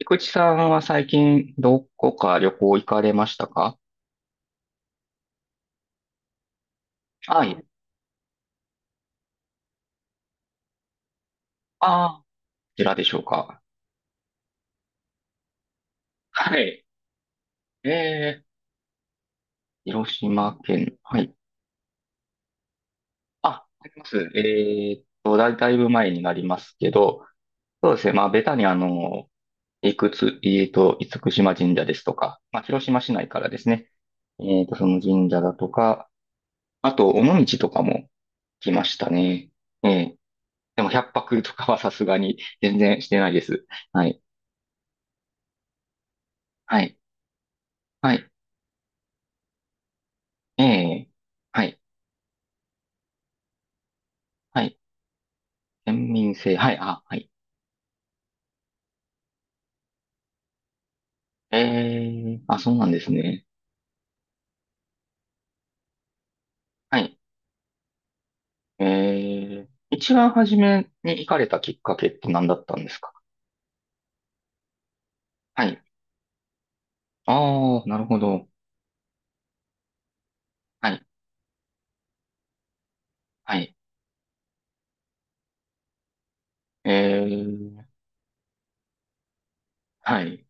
菊池さんは最近どこか旅行行かれましたか？はい。ああ、こちらでしょうか。はい。えー、広島県。はい。あ、あります。だいぶ前になりますけど、そうですね。まあ、ベタにいくつ、えーっと、厳島神社ですとか、まあ、広島市内からですね。その神社だとか、あと、尾道とかも来ましたね。えー、でも、百泊とかはさすがに全然してないです。はい。はい。はい。ええ、はい、はい、県民性、はい、あ、はい。ええ、あ、そうなんですね。はい。ええ、一番初めに行かれたきっかけって何だったんですか？はい。ああ、なるほど。はい、はい。ええ、はい。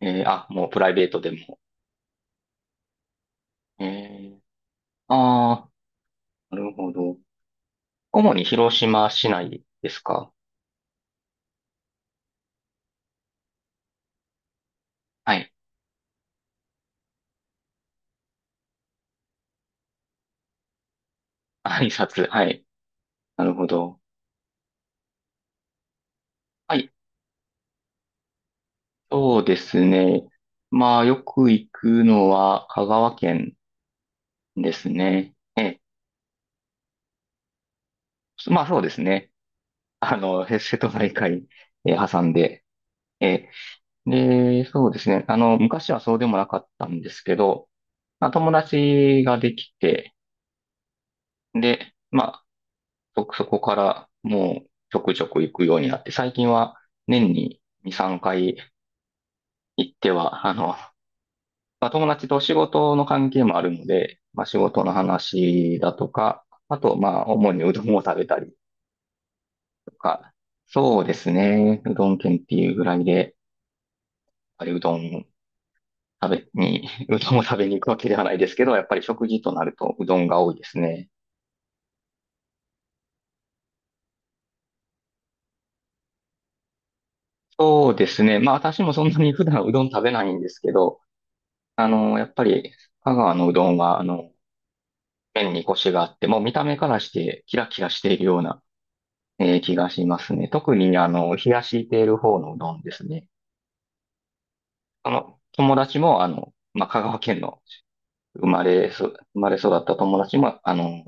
ええ、あ、もうプライベートでも。ええ、ああ、なるほど。主に広島市内ですか？はい。挨拶、はい。なるほど。はい。そうですね。まあ、よく行くのは香川県ですね。ええ、まあそうですね。瀬戸内海、挟んで、ええ、で、そうですね。あの、昔はそうでもなかったんですけど、まあ、友達ができて、で、まあ、そこからもうちょくちょく行くようになって、最近は年に2、3回行っては、あの、まあ、友達と仕事の関係もあるので、まあ、仕事の話だとか、あと、まあ、主にうどんを食べたりとか、そうですね。うどん県っていうぐらいで、やっぱりうどん食べに、うどんを食べに行くわけではないですけど、やっぱり食事となるとうどんが多いですね。そうですね。まあ、私もそんなに普段うどん食べないんですけど、あの、やっぱり、香川のうどんは、あの、麺にコシがあって、もう見た目からしてキラキラしているような気がしますね。特に、あの、冷やしている方のうどんですね。あの、友達も、あの、まあ、香川県の生まれ育った友達も、あの、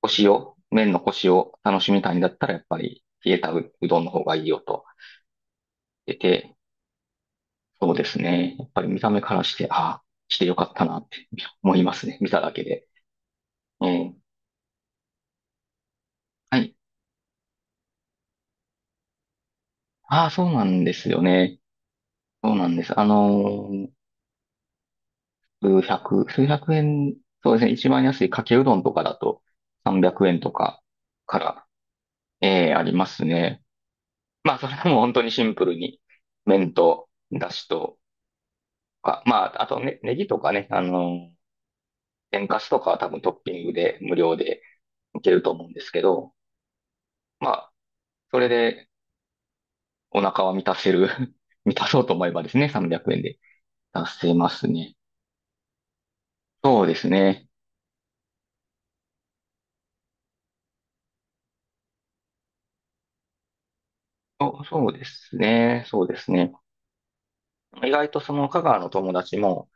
麺の腰を楽しみたいんだったら、やっぱり冷えたうどんの方がいいよと言ってて、そうですね。やっぱり見た目からして、ああ、してよかったなって思いますね。見ただけで。うん。はい。ああ、そうなんですよね。そうなんです。数百円、そうですね、一番安いかけうどんとかだと300円とかから、ありますね。まあ、それはもう本当にシンプルに、麺と、だしとか、まあ、あとね、ネギとかね、あの、天かすとかは多分トッピングで無料でいけると思うんですけど、まあ、それでお腹は満たせる 満たそうと思えばですね、300円で達せますね。そうですね。そうですね。そうですね。意外とその香川の友達も、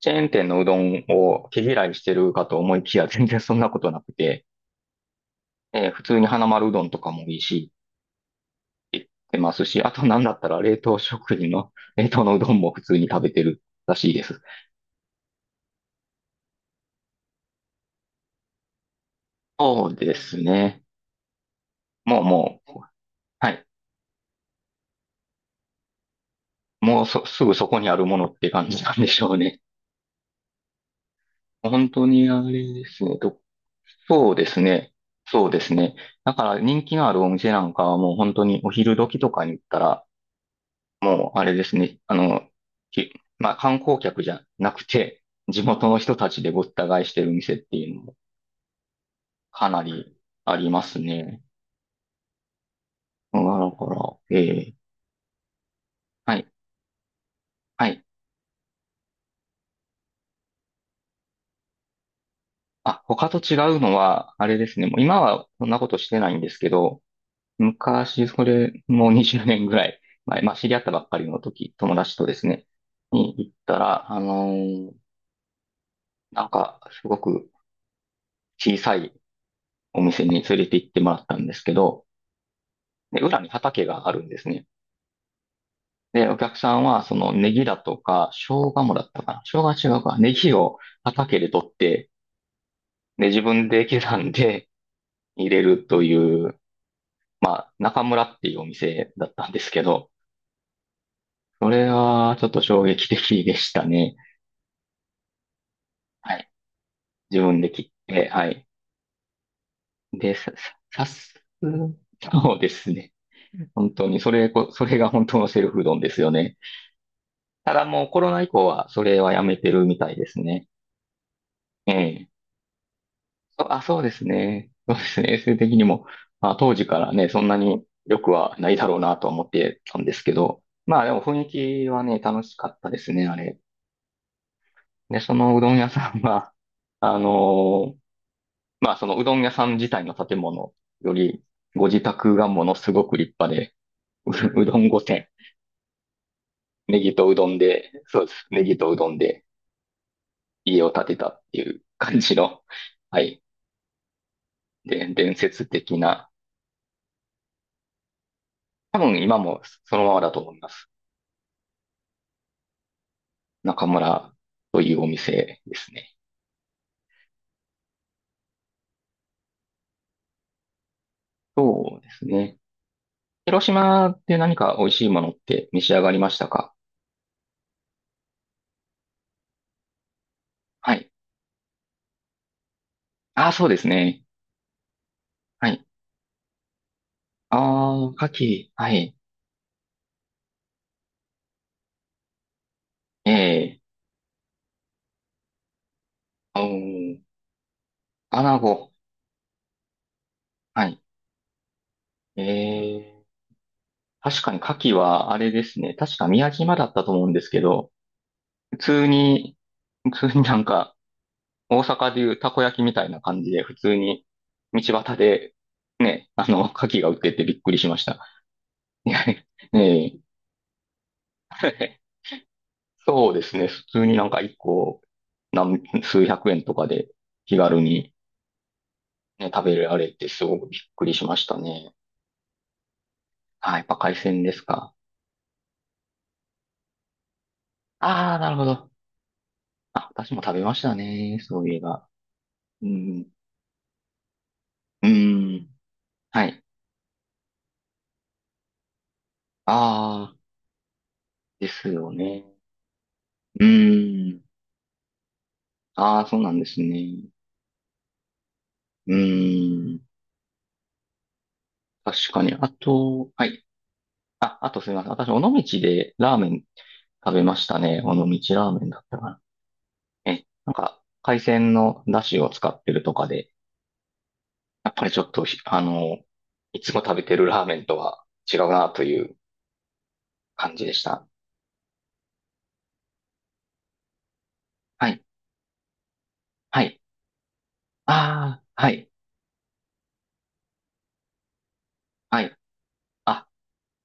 チェーン店のうどんを毛嫌いしてるかと思いきや、全然そんなことなくて、普通に花丸うどんとかもいいし、出ますし、あとなんだったら冷凍食品の、冷凍のうどんも普通に食べてるらしいです。そうですね。もうもう、はい。もうそ、すぐそこにあるものって感じなんでしょうね。本当にあれですね。そうですね。そうですね。だから人気のあるお店なんかはもう本当にお昼時とかに行ったら、もう、あれですね。あの、まあ、観光客じゃなくて、地元の人たちでごった返してる店っていうのもかなりありますね。だから、ええ、はい、はい。あ、他と違うのは、あれですね。もう今はそんなことしてないんですけど、昔、それ、もう20年ぐらい前、まあ、知り合ったばっかりの時、友達とですね、に行ったら、なんか、すごく小さいお店に連れて行ってもらったんですけど、で、裏に畑があるんですね。で、お客さんは、そのネギだとか、生姜もだったかな。生姜は違うか。ネギを畑で取って、で、自分で刻んで入れるという、中村っていうお店だったんですけど、それはちょっと衝撃的でしたね。はい。自分で切って、はい。で、さ、さ、さす、そうですね。本当に、それが本当のセルフうどんですよね。ただもうコロナ以降は、それはやめてるみたいですね。ええ。そうですね。そうですね。衛生的にも、まあ、当時からね、そんなに良くはないだろうなとは思ってたんですけど、まあでも雰囲気はね、楽しかったですね、あれ。で、そのうどん屋さんは、あのーまあそのうどん屋さん自体の建物より、ご自宅がものすごく立派で、うどん御殿、ネギとうどんで、そうです。ネギとうどんで家を建てたっていう感じの、はい。で、伝説的な、多分今もそのままだと思います。中村というお店ですね。そうですね。広島で何か美味しいものって召し上がりましたか？はい。ああ、そうですね。はい。ああ、牡蠣。はい。ええ。おー、穴子。はい。ええ。確かに牡蠣はあれですね。確か宮島だったと思うんですけど、普通に、普通になんか、大阪でいうたこ焼きみたいな感じで、普通に道端で、ね、あの、牡蠣が売っててびっくりしました。いや、ええ、 そうですね。普通になんか一個何、数百円とかで気軽にね、食べられてすごくびっくりしましたね。あ、やっぱ海鮮ですか。ああ、なるほど。あ、私も食べましたね。そういえば。うん。うん。はい。ああ、ですよね。うん。ああ、そうなんですね。うん。確かに。あと、はい。あ、あとすみません。私、尾道でラーメン食べましたね。尾道ラーメンだったかな。え、なんか、海鮮の出汁を使ってるとかで、やっぱりちょっと、あの、いつも食べてるラーメンとは違うなという感じでした。はい。はい。ああ、はい。はい。あ、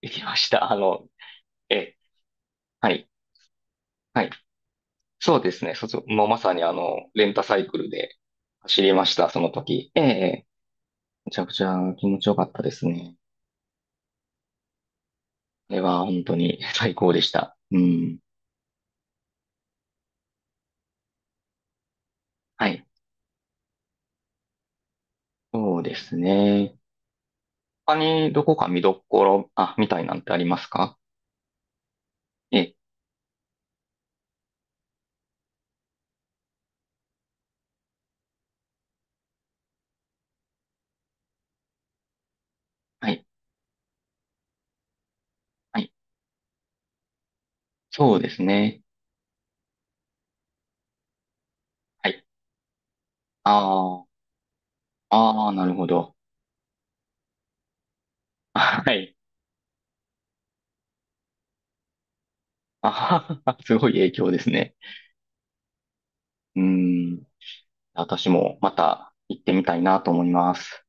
できました。あの、え、はい。はい。そうですね。もうまさにあの、レンタサイクルで走りました、その時。ええ、ええ、めちゃくちゃ気持ちよかったですね。あれは本当に最高でした。うん。はい。そうですね。他にどこか見どころ、あ、みたいなんてありますか？ええ、はい、はい、そうですね。はい。ああ、ああ、なるほど。あ、はい。ああ、すごい影響ですね。うーん、私もまた行ってみたいなと思います。